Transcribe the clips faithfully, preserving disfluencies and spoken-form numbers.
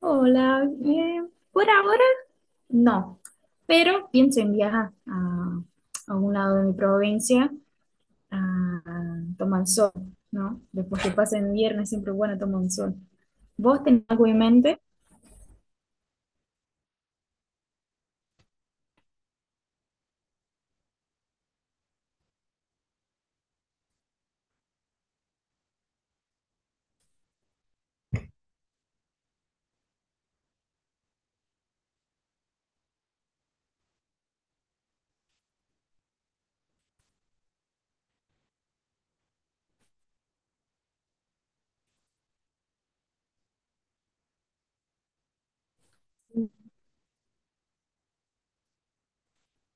Hola, bien. Por ahora no, pero pienso en viajar a, a un lado de mi provincia a tomar el sol, ¿no? Después que pasen viernes siempre es bueno tomar un sol. ¿Vos tenés algo en mente?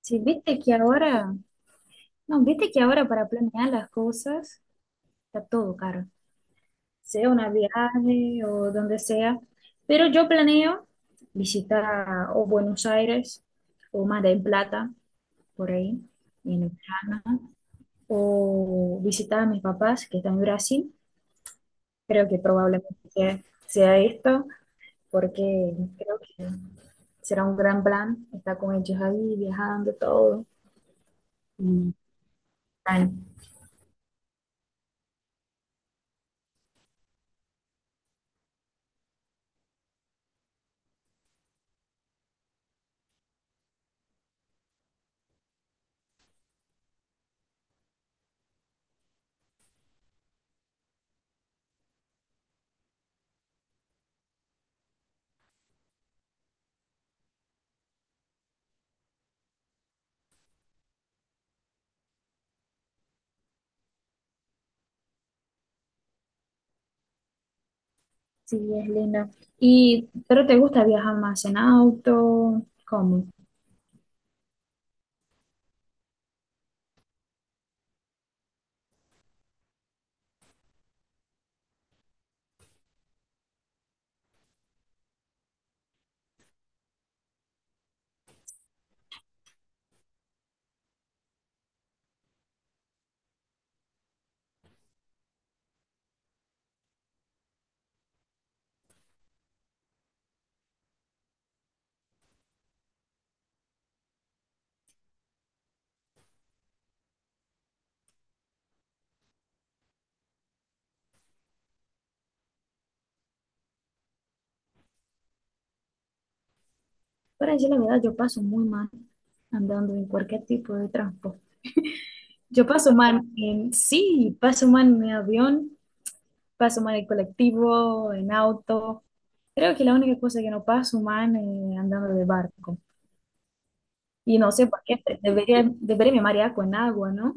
Sí, viste que ahora, no, viste que ahora para planear las cosas está todo caro, sea una viaje o donde sea, pero yo planeo visitar o Buenos Aires o Mar del Plata, por ahí, en verano. O visitaba a mis papás que están en Brasil. Creo que probablemente sea, sea esto, porque creo que será un gran plan estar con ellos ahí, viajando, todo. Y, bueno, sí, es lindo. Y ¿pero te gusta viajar más en auto? ¿Cómo? Para decir la verdad, yo paso muy mal andando en cualquier tipo de transporte. Yo paso mal en, sí, paso mal en mi avión, paso mal en colectivo, en auto. Creo que la única cosa que no paso mal es andando de barco. Y no sé por qué, pero debería, debería me marear con agua, ¿no?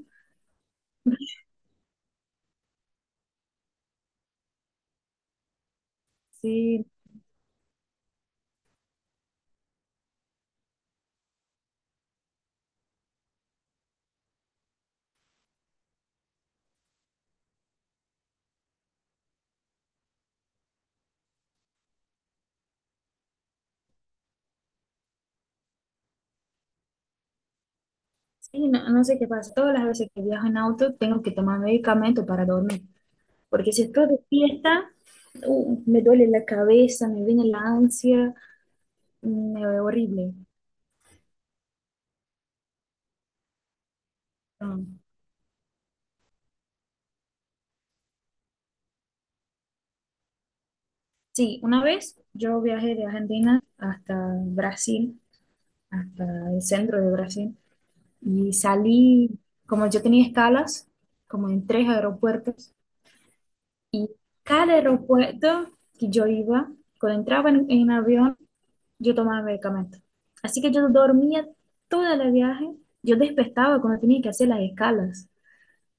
Sí, sí, no, no sé qué pasa. Todas las veces que viajo en auto tengo que tomar medicamento para dormir. Porque si estoy de fiesta, uh, me duele la cabeza, me viene la ansia, me horrible. Ah, sí, una vez yo viajé de Argentina hasta Brasil, hasta el centro de Brasil, y salí, como yo tenía escalas, como en tres aeropuertos. Y cada aeropuerto que yo iba, cuando entraba en, en avión, yo tomaba medicamento. Así que yo dormía todo el viaje, yo despertaba cuando tenía que hacer las escalas.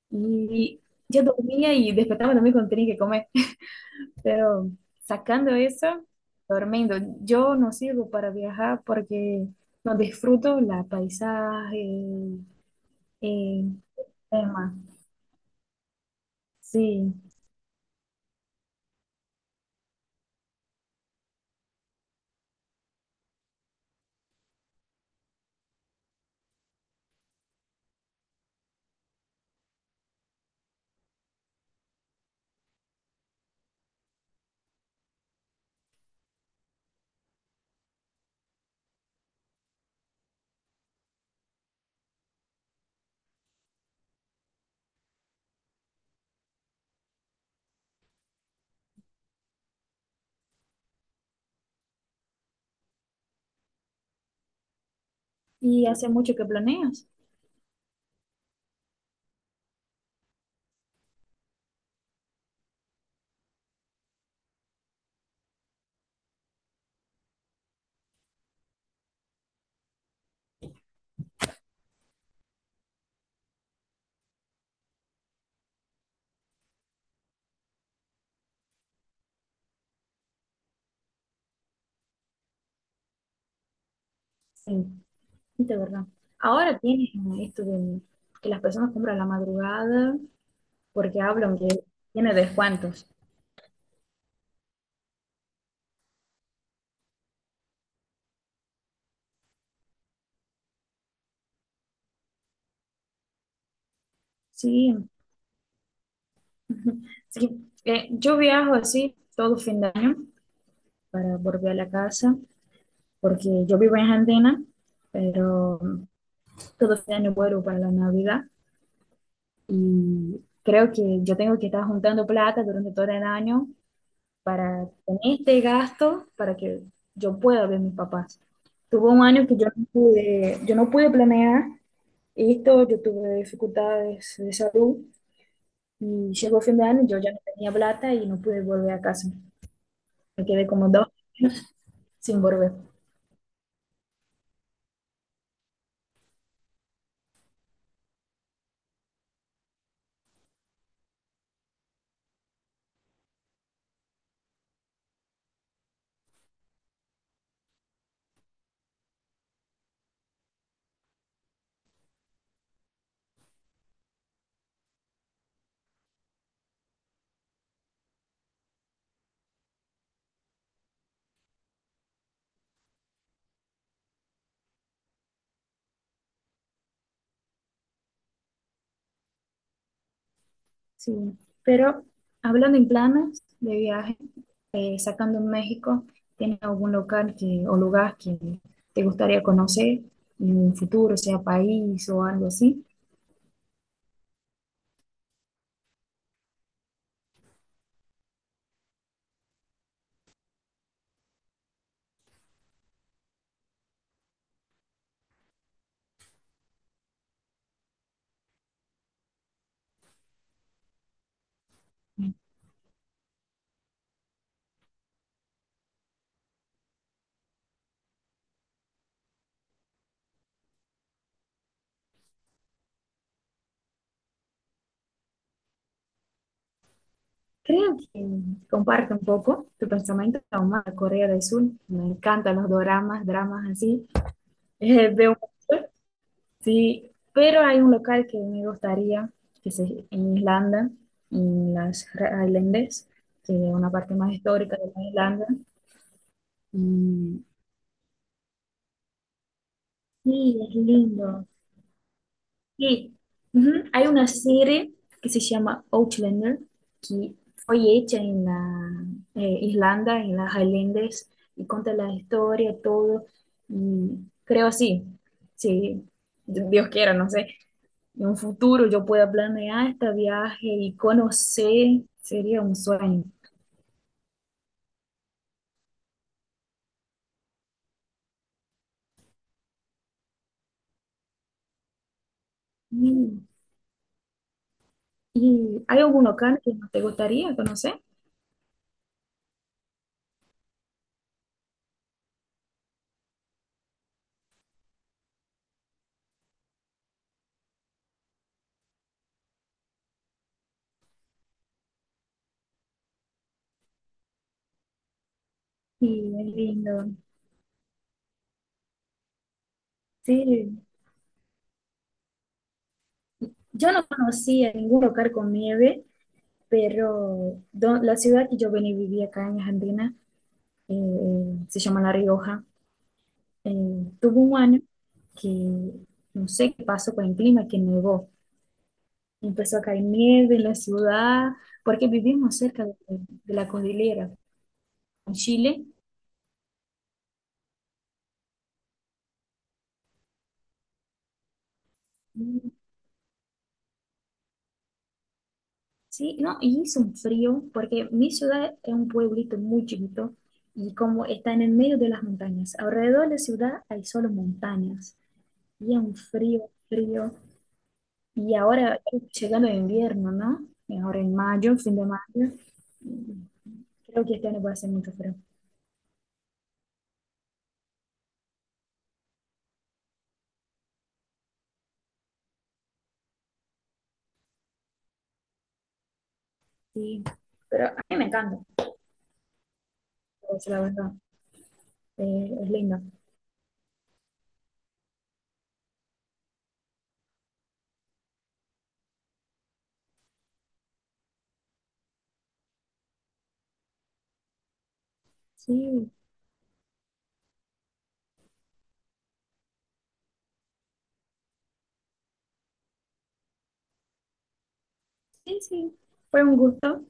Y yo dormía y despertaba también cuando tenía que comer. Pero sacando eso, durmiendo, yo no sirvo para viajar porque no disfruto la paisaje, eh, tema. Sí. ¿Y hace mucho que planeas? Sí. De verdad. Ahora tiene esto de que las personas compran a la madrugada porque hablan que tiene descuentos. Sí, sí. Eh, yo viajo así todo fin de año para volver a la casa porque yo vivo en Argentina, pero todo fin de año vuelvo para la Navidad y creo que yo tengo que estar juntando plata durante todo el año para tener este gasto para que yo pueda ver a mis papás. Tuvo un año que yo no pude, yo no pude planear esto, yo tuve dificultades de salud y llegó fin de año, yo ya no tenía plata y no pude volver a casa. Me quedé como dos sin volver. Sí. Pero hablando en planes de viaje, eh, sacando en México, tiene algún local que, o lugar que te gustaría conocer en un futuro, ¿sea país o algo así? Creo que comparte un poco tu pensamiento con Corea del Sur. Me encantan los doramas, dramas así. Eh, veo mucho. Sí, pero hay un local que me gustaría, que es en Islanda, en las Highlands, que es una parte más histórica de la Islanda. Y, y es lindo. Sí, ujú, hay una serie que se llama Outlander, que fue hecha en la eh, Islanda, en las Highlands, y cuenta la historia, todo. Y creo sí, sí, Dios quiera, no sé. En un futuro yo pueda planear este viaje y conocer, sería un sueño. ¿Y, y hay algún local que no te gustaría conocer? Sí, es lindo. Sí, yo no conocía ningún lugar con nieve, pero do- la ciudad que yo venía y vivía acá en Argentina eh, se llama La Rioja. Eh, tuvo un año que no sé qué pasó con el clima, que nevó. Empezó a caer nieve en la ciudad, porque vivimos cerca de, de la cordillera. En Chile. Mm, sí, no, y hizo un frío porque mi ciudad es un pueblito muy chiquito y como está en el medio de las montañas, alrededor de la ciudad hay solo montañas y es un frío, frío. Y ahora llegando el invierno, ¿no? Ahora en mayo, fin de mayo, mm, creo que este año va a ser mucho frío. Sí, pero a mí me encanta, pues, la verdad, eh, es lindo. Sí, sí, sí, fue un gusto.